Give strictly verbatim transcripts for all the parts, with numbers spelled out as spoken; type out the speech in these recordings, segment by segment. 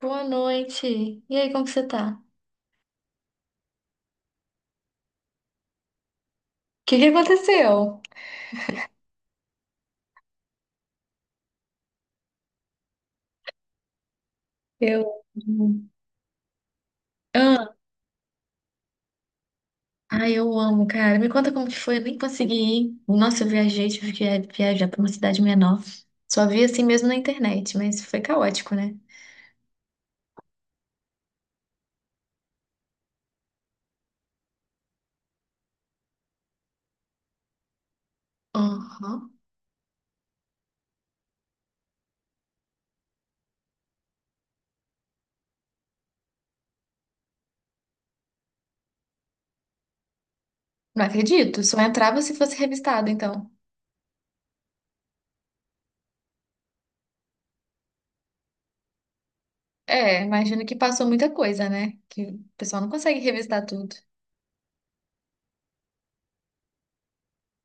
Boa noite. E aí, como que você tá? O que que aconteceu? Eu. Ah, ai, eu amo, cara. Me conta como que foi. Eu nem consegui ir. Nossa, eu viajei, tive que viajar pra uma cidade menor. Só vi assim mesmo na internet, mas foi caótico, né? Aham. Não acredito. Só entrava se fosse revistado, então. É, imagino que passou muita coisa, né? Que o pessoal não consegue revistar tudo.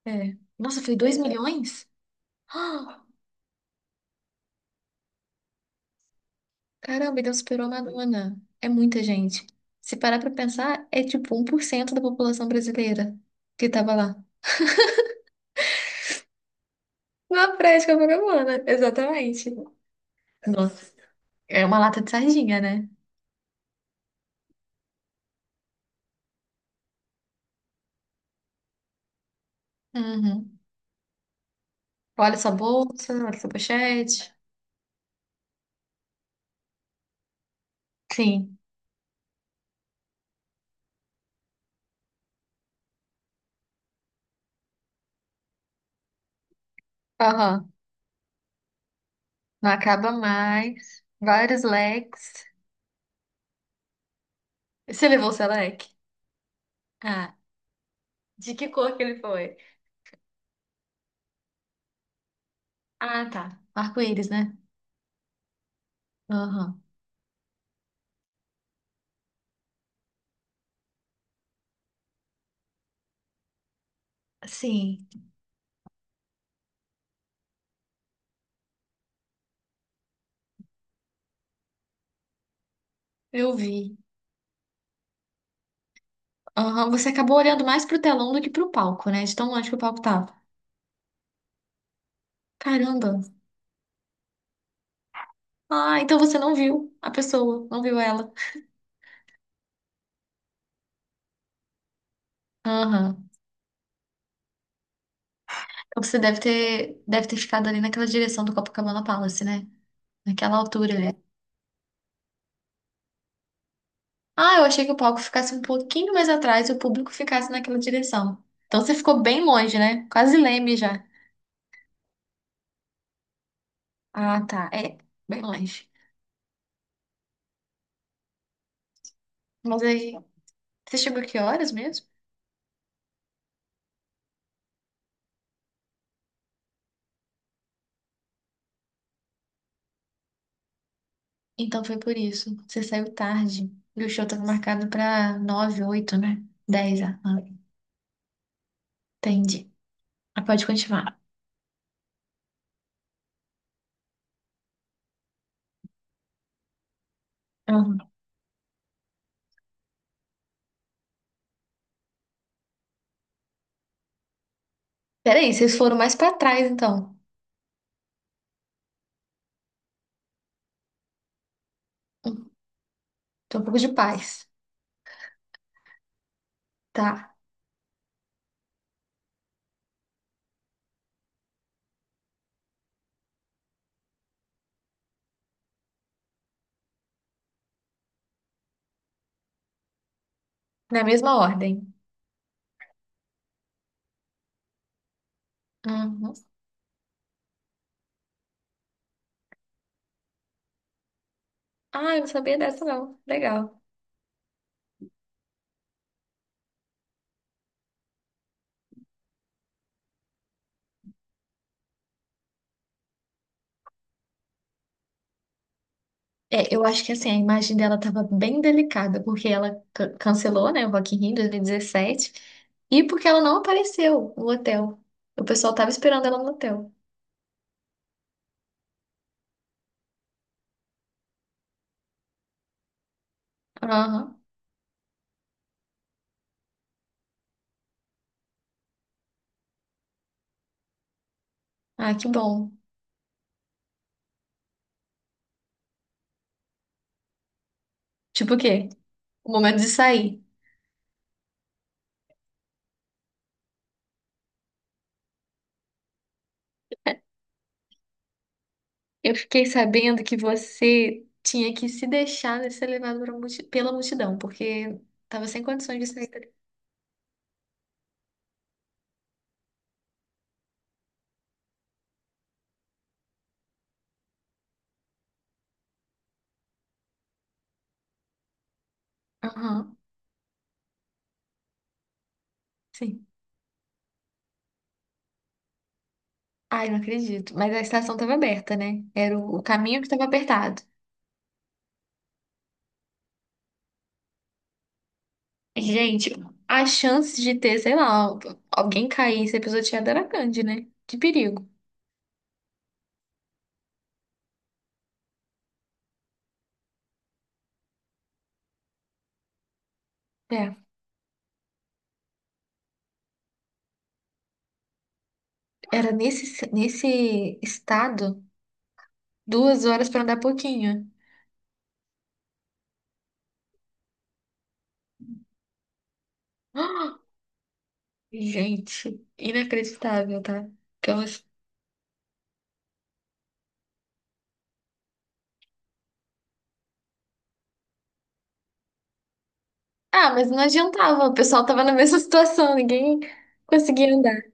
É. Nossa, foi dois milhões? Caramba, então superou a Madonna. É muita gente. Se parar pra pensar, é tipo um por cento da população brasileira que tava lá. Na prática, vagabunda, exatamente. Nossa, é uma lata de sardinha, né? Uhum. Olha sua bolsa, olha sua pochete. Sim, aham. Não acaba mais. Vários leques. Você levou o seu leque? Ah, de que cor que ele foi? Ah, tá. Arco-íris, né? Aham. Sim, eu vi. Aham, você acabou olhando mais pro telão do que pro palco, né? De tão longe que o palco tava. Caramba! Ah, então você não viu a pessoa, não viu ela. Aham. Então você deve ter, deve ter ficado ali naquela direção do Copacabana Palace, né? Naquela altura, né? Ah, eu achei que o palco ficasse um pouquinho mais atrás e o público ficasse naquela direção. Então você ficou bem longe, né? Quase leme já. Ah, tá. É, bem longe. Mas aí, você chegou a que horas mesmo? Então foi por isso. Você saiu tarde. E o show tava marcado pra nove, oito, né? Dez, ah, ah, entendi. Ah, pode continuar. Uhum. Peraí, vocês foram mais pra trás, então. Hum, Tô um pouco de paz. Tá. Na mesma ordem. Uhum. Ah, eu não sabia dessa, não. Legal. É, eu acho que assim, a imagem dela tava bem delicada, porque ela ca- cancelou, né, o Rock in Rio dois mil e dezessete, e dezessete, e porque ela não apareceu no hotel. O pessoal tava esperando ela no hotel. Aham. Ah, que bom. Tipo o quê? O momento de sair. Eu fiquei sabendo que você tinha que se deixar de ser levado pra multi- pela multidão, porque tava sem condições de sair dali. Aham, sim. Ai, não acredito. Mas a estação tava aberta, né? Era o o caminho que tava apertado. Gente, a chance de ter, sei lá, alguém cair e ser pisoteado era grande, né? De perigo. É, era nesse, nesse estado, duas horas pra andar pouquinho. Ah, gente, inacreditável, tá? Ah, mas não adiantava, o pessoal tava na mesma situação, ninguém conseguia andar.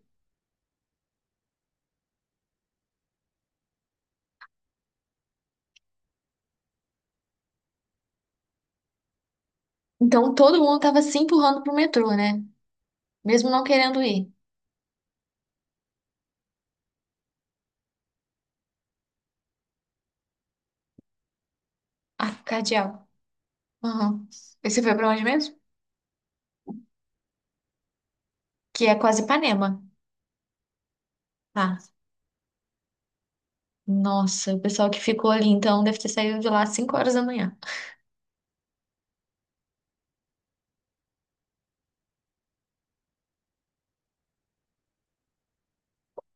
Então todo mundo tava se empurrando pro metrô, né? Mesmo não querendo ir. Ah, cardeal. Aham. Esse foi pra onde mesmo? Que é quase Ipanema. Ah, nossa, o pessoal que ficou ali então deve ter saído de lá às cinco horas da manhã.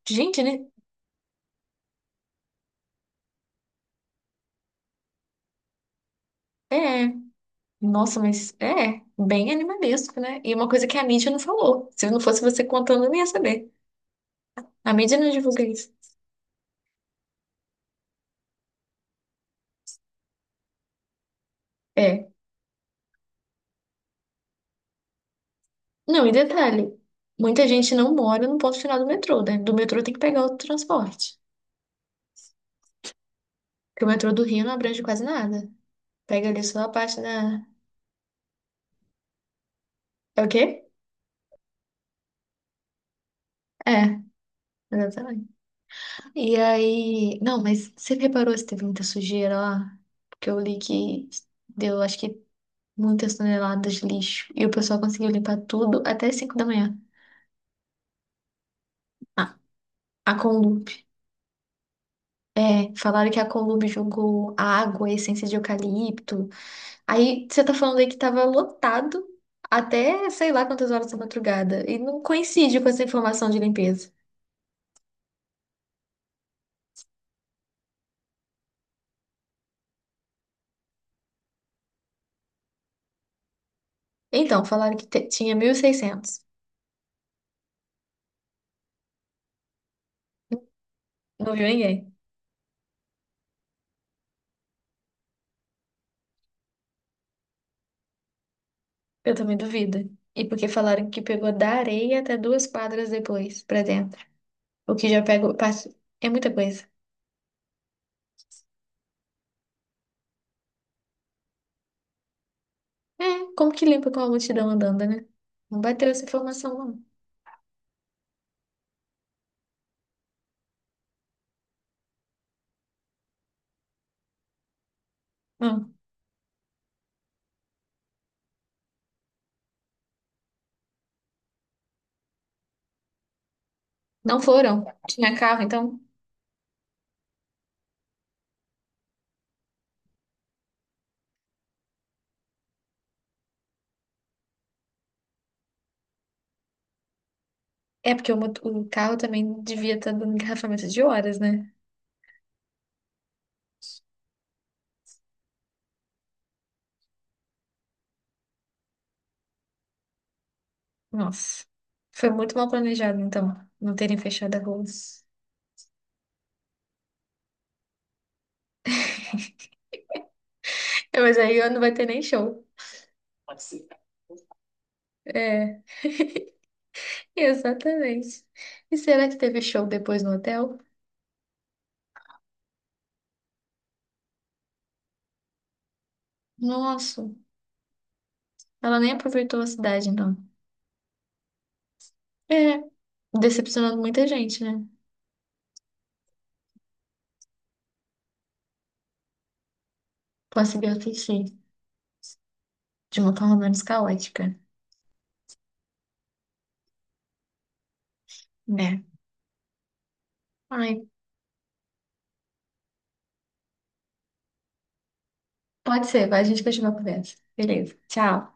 Gente, né? É. Nossa, mas é bem animalesco, né? E uma coisa que a mídia não falou. Se não fosse você contando, eu nem ia saber. A mídia não divulga isso. É. Não, e detalhe, muita gente não mora no ponto final do metrô, né? Do metrô tem que pegar outro transporte. Porque o metrô do Rio não abrange quase nada. Pega ali só a parte da. É o quê? É, exatamente. E aí. Não, mas você reparou se teve muita sujeira lá? Porque eu li que deu, acho que, muitas toneladas de lixo. E o pessoal conseguiu limpar tudo até cinco da manhã. Ah, a Conlub. É, falaram que a Conlub jogou água, essência de eucalipto. Aí você tá falando aí que tava lotado até sei lá quantas horas da madrugada. E não coincide com essa informação de limpeza. Então, falaram que te- tinha mil e seiscentos, não viu ninguém. Eu também duvido. E porque falaram que pegou da areia até duas quadras depois, pra dentro. O que já pega. passa- É muita coisa. É, como que limpa com a multidão andando, né? Não bateu essa informação, não. Não, não foram. Tinha carro, então. É porque o, mot- o carro também devia estar dando engarrafamento de horas, né? Nossa, foi muito mal planejado, então, não terem fechado a rua. É, mas aí não vai ter nem show. É, exatamente. E será que teve show depois no hotel? Nossa, ela nem aproveitou a cidade, não. É, decepcionando muita gente, né? Conseguiu assistir de uma forma menos caótica, né? Ai, pode ser, vai, a gente continua a conversa. Beleza, tchau.